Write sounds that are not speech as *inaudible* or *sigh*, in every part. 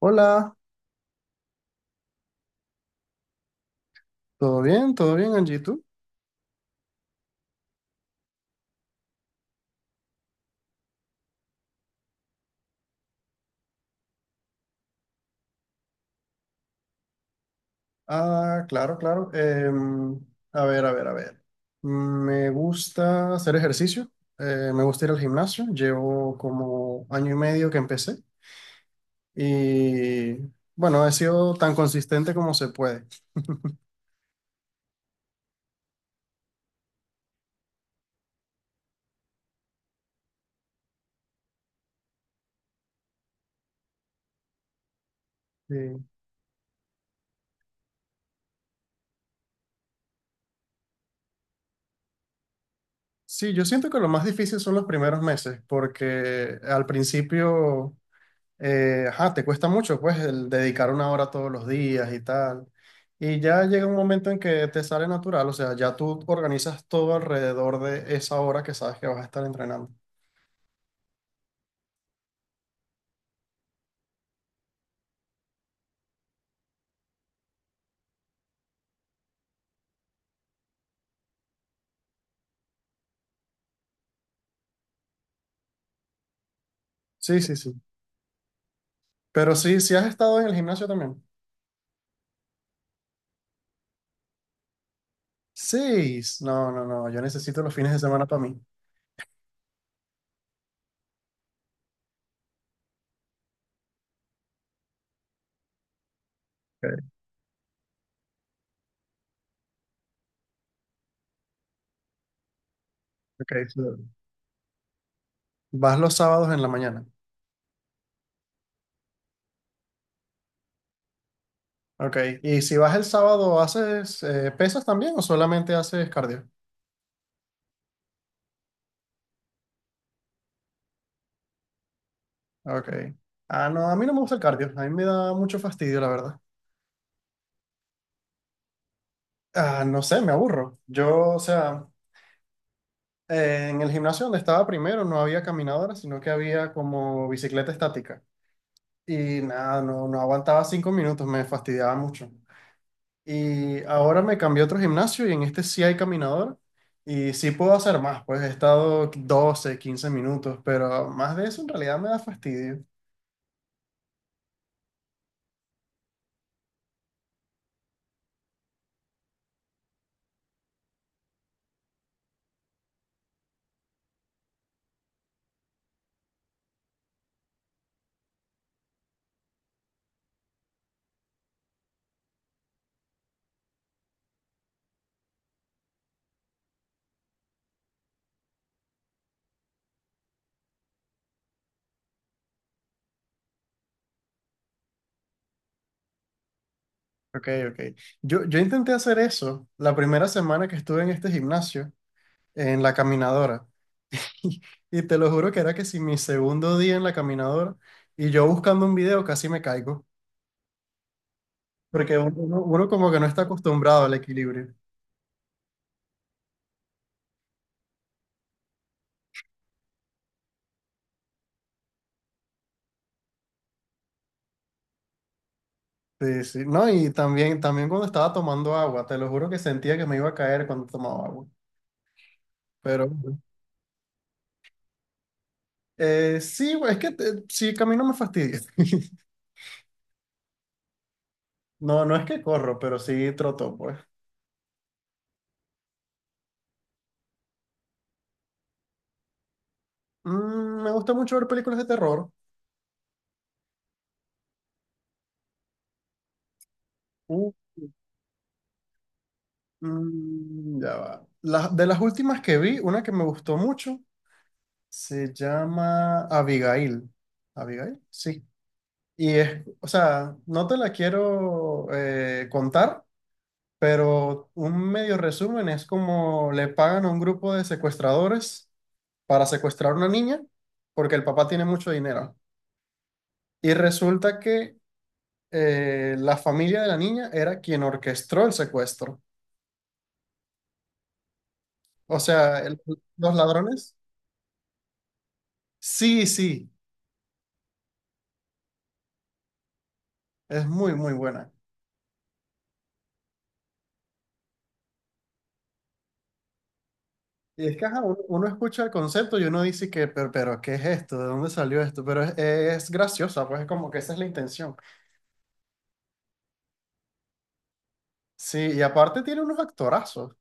Hola, ¿todo bien? ¿Todo bien, Angie? ¿Tú? Ah, claro, claro. A ver, a ver, a ver. Me gusta hacer ejercicio, me gusta ir al gimnasio. Llevo como año y medio que empecé y bueno, he sido tan consistente como se puede. Sí, sí, yo siento que lo más difícil son los primeros meses porque al principio ajá, te cuesta mucho, pues, el dedicar una hora todos los días y tal. Y ya llega un momento en que te sale natural, o sea, ya tú organizas todo alrededor de esa hora que sabes que vas a estar entrenando. Sí, sí, sí. Pero sí, sí has estado en el gimnasio también. Seis. No, no, no, yo necesito los fines de semana para mí. Ok, ok, sí. Vas los sábados en la mañana. Ok, y si vas el sábado, ¿haces pesas también o solamente haces cardio? Ok. Ah, no, a mí no me gusta el cardio, a mí me da mucho fastidio, la verdad. Ah, no sé, me aburro. Yo, o sea, en el gimnasio donde estaba primero no había caminadora, sino que había como bicicleta estática. Y nada, no, no aguantaba 5 minutos, me fastidiaba mucho. Y ahora me cambié a otro gimnasio y en este sí hay caminadora. Y sí puedo hacer más, pues he estado 12, 15 minutos, pero más de eso en realidad me da fastidio. Ok, ok. Yo intenté hacer eso la primera semana que estuve en este gimnasio, en la caminadora. *laughs* Y te lo juro que era que si mi segundo día en la caminadora y yo buscando un video casi me caigo, porque uno como que no está acostumbrado al equilibrio. Sí, sí. No, y también, también cuando estaba tomando agua, te lo juro que sentía que me iba a caer cuando tomaba agua. Pero sí, es que sí, camino me fastidia. *laughs* No, no es que corro, pero sí troto, pues. Mm, me gusta mucho ver películas de terror. Uh, ya va. De las últimas que vi, una que me gustó mucho. Se llama Abigail. ¿Abigail? Sí. Y es, o sea, no te la quiero contar, pero un medio resumen es como le pagan a un grupo de secuestradores para secuestrar a una niña porque el papá tiene mucho dinero. Y resulta que la familia de la niña era quien orquestó el secuestro. O sea, los ladrones. Sí, sí, es muy, muy buena. Y es que ajá, uno, uno escucha el concepto y uno dice que, pero, ¿qué es esto? ¿De dónde salió esto? Pero es graciosa, pues es como que esa es la intención. Sí, y aparte tiene unos actorazos.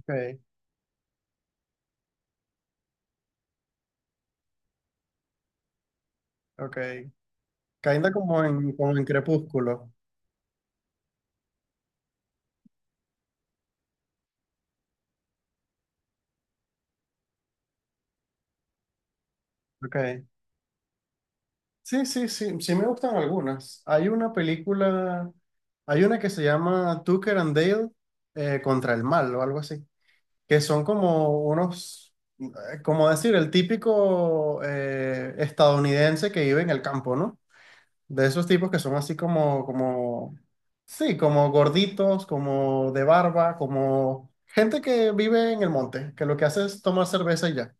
Ok, ok. Kinda como en, como en Crepúsculo. Ok. Sí, sí, sí, sí me gustan algunas. Hay una película, hay una que se llama Tucker and Dale contra el mal o algo así, que son como unos como decir, el típico estadounidense que vive en el campo, ¿no? De esos tipos que son así como, como, sí, como gorditos, como de barba, como gente que vive en el monte, que lo que hace es tomar cerveza y ya.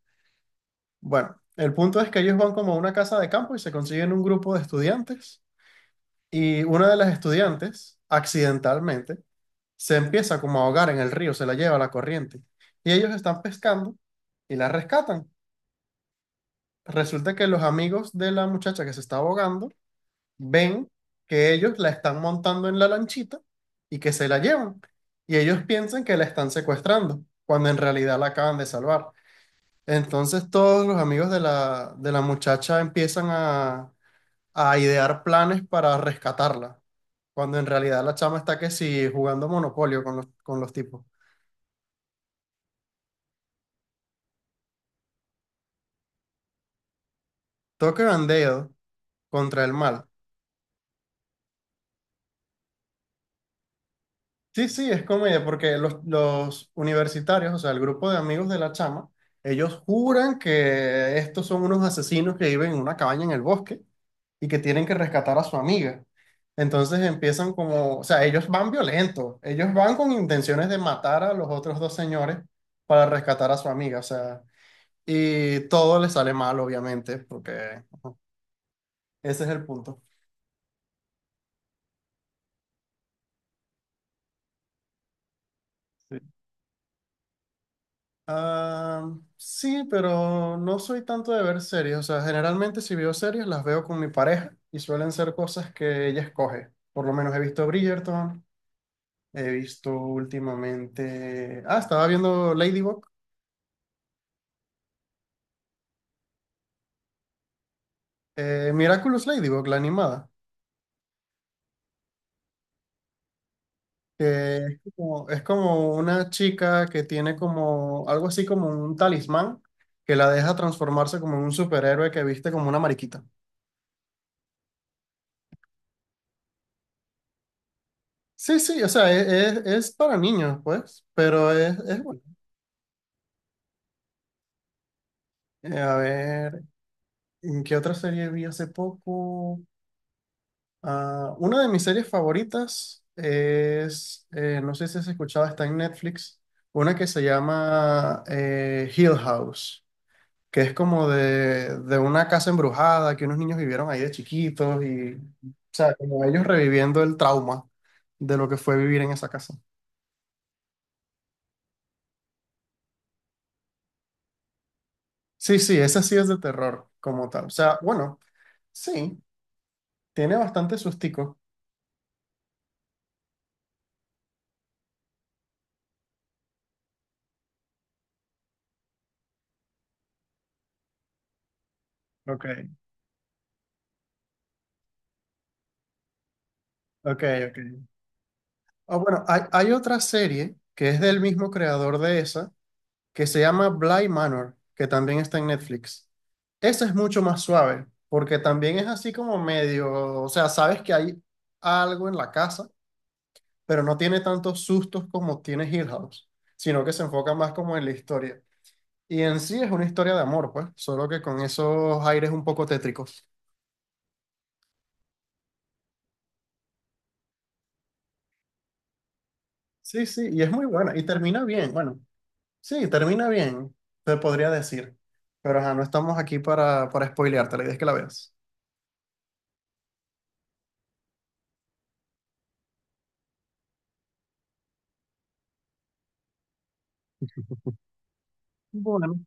Bueno, el punto es que ellos van como a una casa de campo y se consiguen un grupo de estudiantes y una de las estudiantes, accidentalmente, se empieza como a ahogar en el río, se la lleva la corriente y ellos están pescando y la rescatan. Resulta que los amigos de la muchacha que se está ahogando ven que ellos la están montando en la lanchita y que se la llevan. Y ellos piensan que la están secuestrando, cuando en realidad la acaban de salvar. Entonces todos los amigos de la muchacha empiezan a idear planes para rescatarla, cuando en realidad la chama está que sí jugando Monopolio con los tipos. Toque bandeo contra el mal. Sí, sí, es comedia, porque los universitarios, o sea, el grupo de amigos de la chama, ellos juran que estos son unos asesinos que viven en una cabaña en el bosque y que tienen que rescatar a su amiga. Entonces empiezan como, o sea, ellos van violentos, ellos van con intenciones de matar a los otros dos señores para rescatar a su amiga, o sea, y todo les sale mal, obviamente, porque ese es el punto. Ah, sí, pero no soy tanto de ver series. O sea, generalmente si veo series las veo con mi pareja y suelen ser cosas que ella escoge. Por lo menos he visto Bridgerton, he visto últimamente... Ah, estaba viendo Ladybug, Miraculous Ladybug, la animada, que es como una chica que tiene como algo así como un talismán que la deja transformarse como en un superhéroe que viste como una mariquita. Sí, sí, o sea, es, es para niños, pues, pero es, es. A ver, ¿en qué otra serie vi hace poco? Ah, una de mis series favoritas es, no sé si has escuchado, está en Netflix, una que se llama Hill House, que es como de una casa embrujada que unos niños vivieron ahí de chiquitos y, o sea, como ellos reviviendo el trauma de lo que fue vivir en esa casa. Sí, sí, esa sí es de terror como tal. O sea, bueno, sí, tiene bastante sustico. Ok, ok, ok. Ah, bueno, hay otra serie que es del mismo creador de esa, que se llama Bly Manor, que también está en Netflix. Esa es mucho más suave, porque también es así como medio, o sea, sabes que hay algo en la casa, pero no tiene tantos sustos como tiene Hill House, sino que se enfoca más como en la historia. Y en sí es una historia de amor, pues, solo que con esos aires un poco tétricos. Sí, sí, y es muy buena, y termina bien. Bueno, sí, termina bien, te podría decir. Pero ajá, no estamos aquí para spoilearte, la idea es que la veas. Bueno.